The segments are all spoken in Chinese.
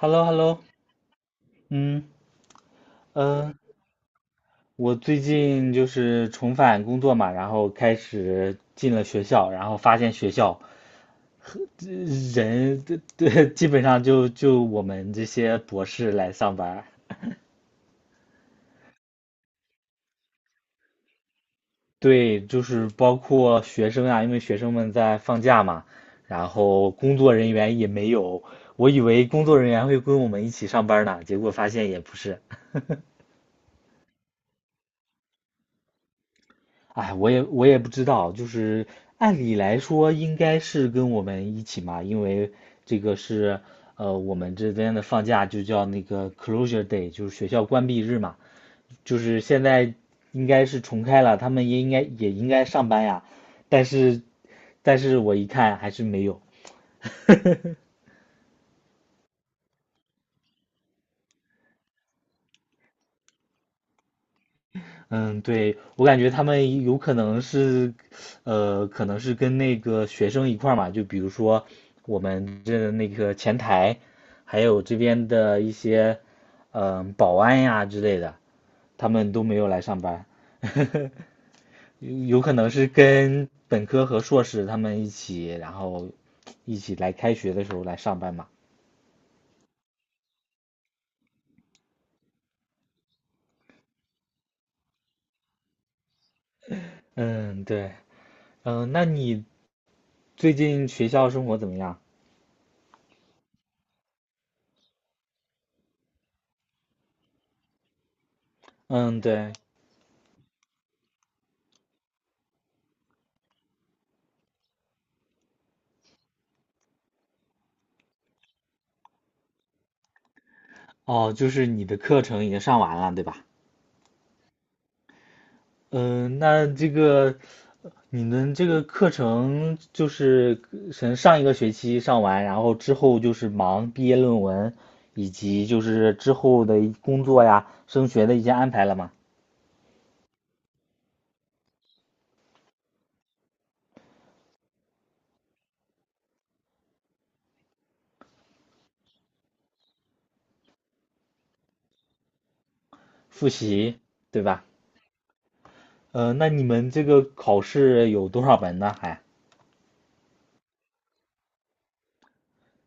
h e l l o h e l l o 嗯，呃，我最近就是重返工作嘛，然后开始进了学校，然后发现学校和这人对这基本上就我们这些博士来上班儿。对，就是包括学生啊，因为学生们在放假嘛，然后工作人员也没有，我以为工作人员会跟我们一起上班呢，结果发现也不是。哎，我也不知道，就是按理来说应该是跟我们一起嘛，因为这个是我们这边的放假就叫那个 closure day，就是学校关闭日嘛，就是现在应该是重开了，他们也应该也应该上班呀，但是但是我一看还是没有。嗯，对，我感觉他们有可能是，可能是跟那个学生一块儿嘛，就比如说我们这那个前台，还有这边的一些，保安呀之类的，他们都没有来上班。有可能是跟本科和硕士他们一起，然后一起来开学的时候来上班嘛。嗯，对，那你最近学校生活怎么样？嗯，对。哦，就是你的课程已经上完了，对吧？嗯，那这个你们这个课程就是从上一个学期上完，然后之后就是忙毕业论文，以及就是之后的工作呀、升学的一些安排了嘛？复习，对吧？那你们这个考试有多少门呢？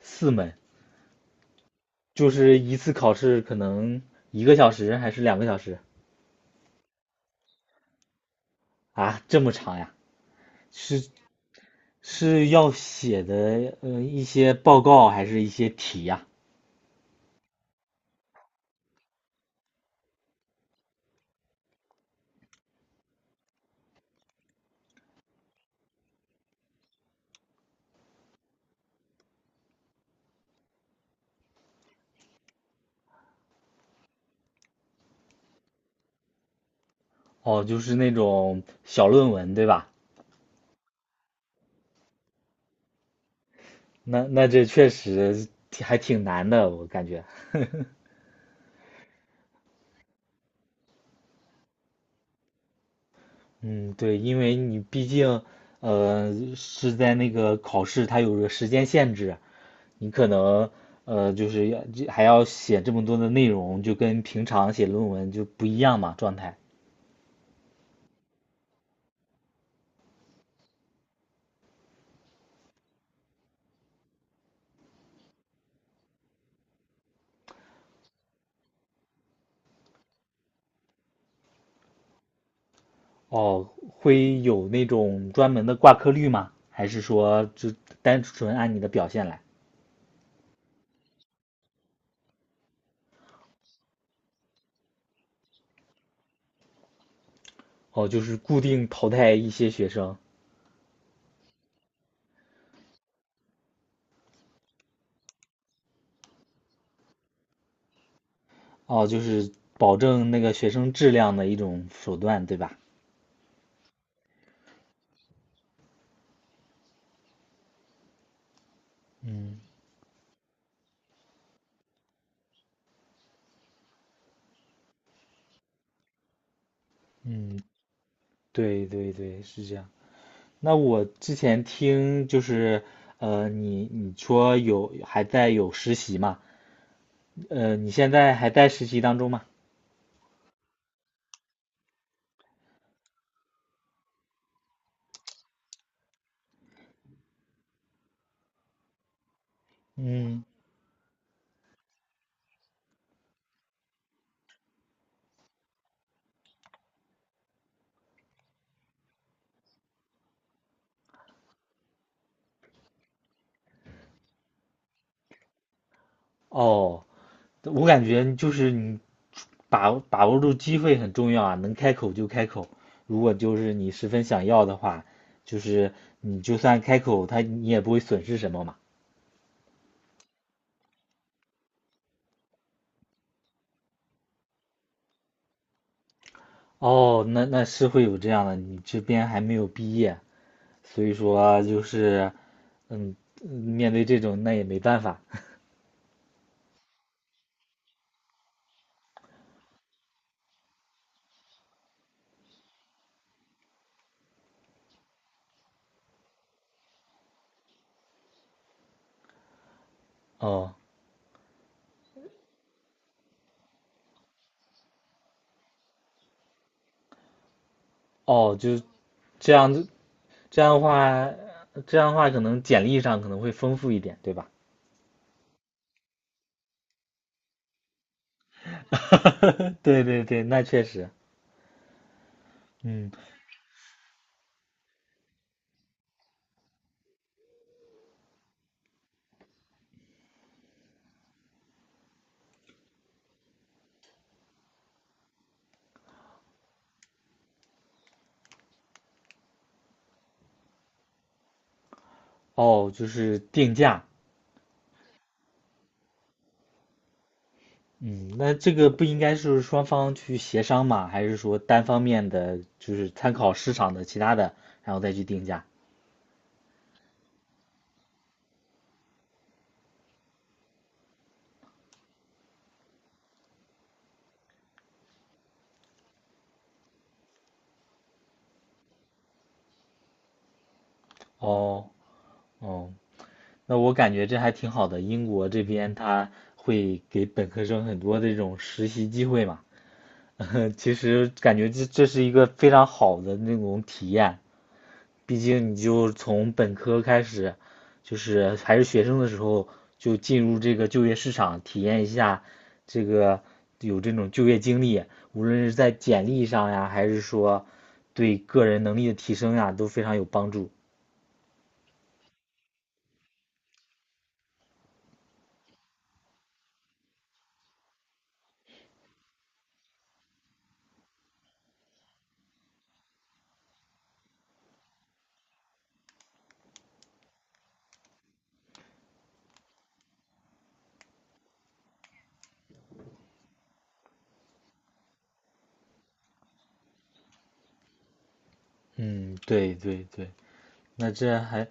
四门，就是一次考试可能一个小时还是两个小时。啊？这么长呀？是是要写的，一些报告还是一些题呀？哦，就是那种小论文，对吧？那这确实还挺难的，我感觉。嗯，对，因为你毕竟，是在那个考试，它有个时间限制，你可能，就是还要写这么多的内容，就跟平常写论文就不一样嘛，状态。哦，会有那种专门的挂科率吗？还是说就单纯按你的表现来？哦，就是固定淘汰一些学生，哦，就是保证那个学生质量的一种手段，对吧？嗯嗯，对对对，是这样。那我之前听就是，你说有还在有实习嘛？你现在还在实习当中吗？嗯，哦，我感觉就是你把握住机会很重要啊，能开口就开口。如果就是你十分想要的话，就是你就算开口，他你也不会损失什么嘛。哦，那是会有这样的，你这边还没有毕业，所以说就是嗯，面对这种那也没办法。哦哦，就这样子，这样的话，这样的话可能简历上可能会丰富一点，对吧？对对对，那确实，嗯。哦，就是定价。嗯，那这个不应该是双方去协商嘛？还是说单方面的，就是参考市场的其他的，然后再去定价？哦，哦，那我感觉这还挺好的。英国这边他会给本科生很多的这种实习机会嘛。其实感觉这是一个非常好的那种体验。毕竟你就从本科开始，就是还是学生的时候就进入这个就业市场，体验一下这个有这种就业经历，无论是在简历上呀，还是说对个人能力的提升呀，都非常有帮助。嗯，对对对，那这还，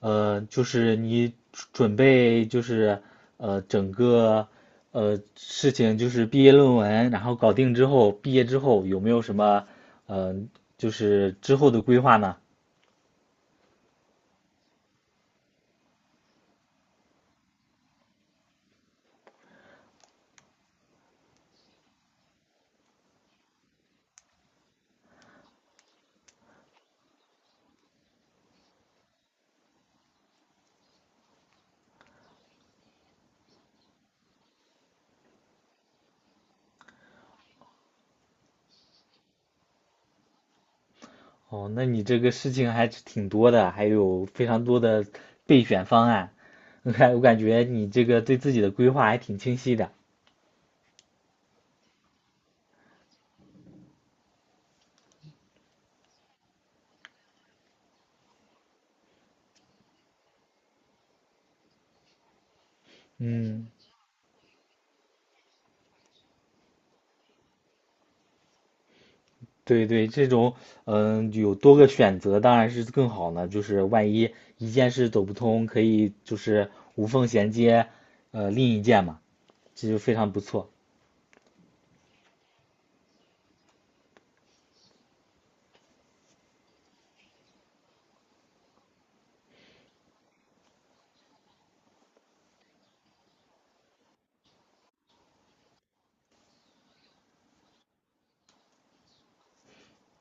就是你准备就是整个事情就是毕业论文，然后搞定之后，毕业之后有没有什么呃就是之后的规划呢？哦，那你这个事情还是挺多的，还有非常多的备选方案。我感觉你这个对自己的规划还挺清晰的，嗯。对对，这种有多个选择当然是更好呢。就是万一一件事走不通，可以就是无缝衔接，另一件嘛，这就非常不错。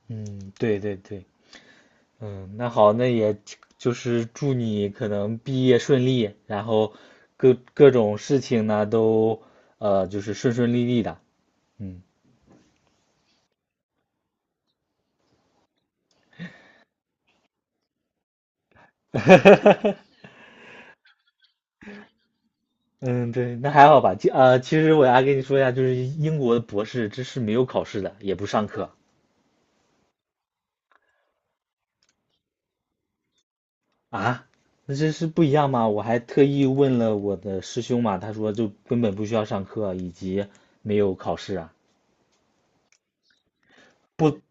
嗯，对对对，嗯，那好，那也就是祝你可能毕业顺利，然后各种事情呢都就是顺顺利利的。嗯。嗯，对，那还好吧。其实我要跟你说一下，就是英国的博士，这是没有考试的，也不上课。啊，那这是不一样吗？我还特意问了我的师兄嘛，他说就根本不需要上课，以及没有考试啊。不，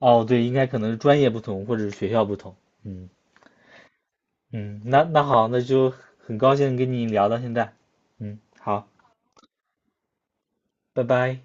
哦，对，应该可能是专业不同，或者是学校不同。嗯嗯，那好，那就很高兴跟你聊到现在。嗯，好，拜拜。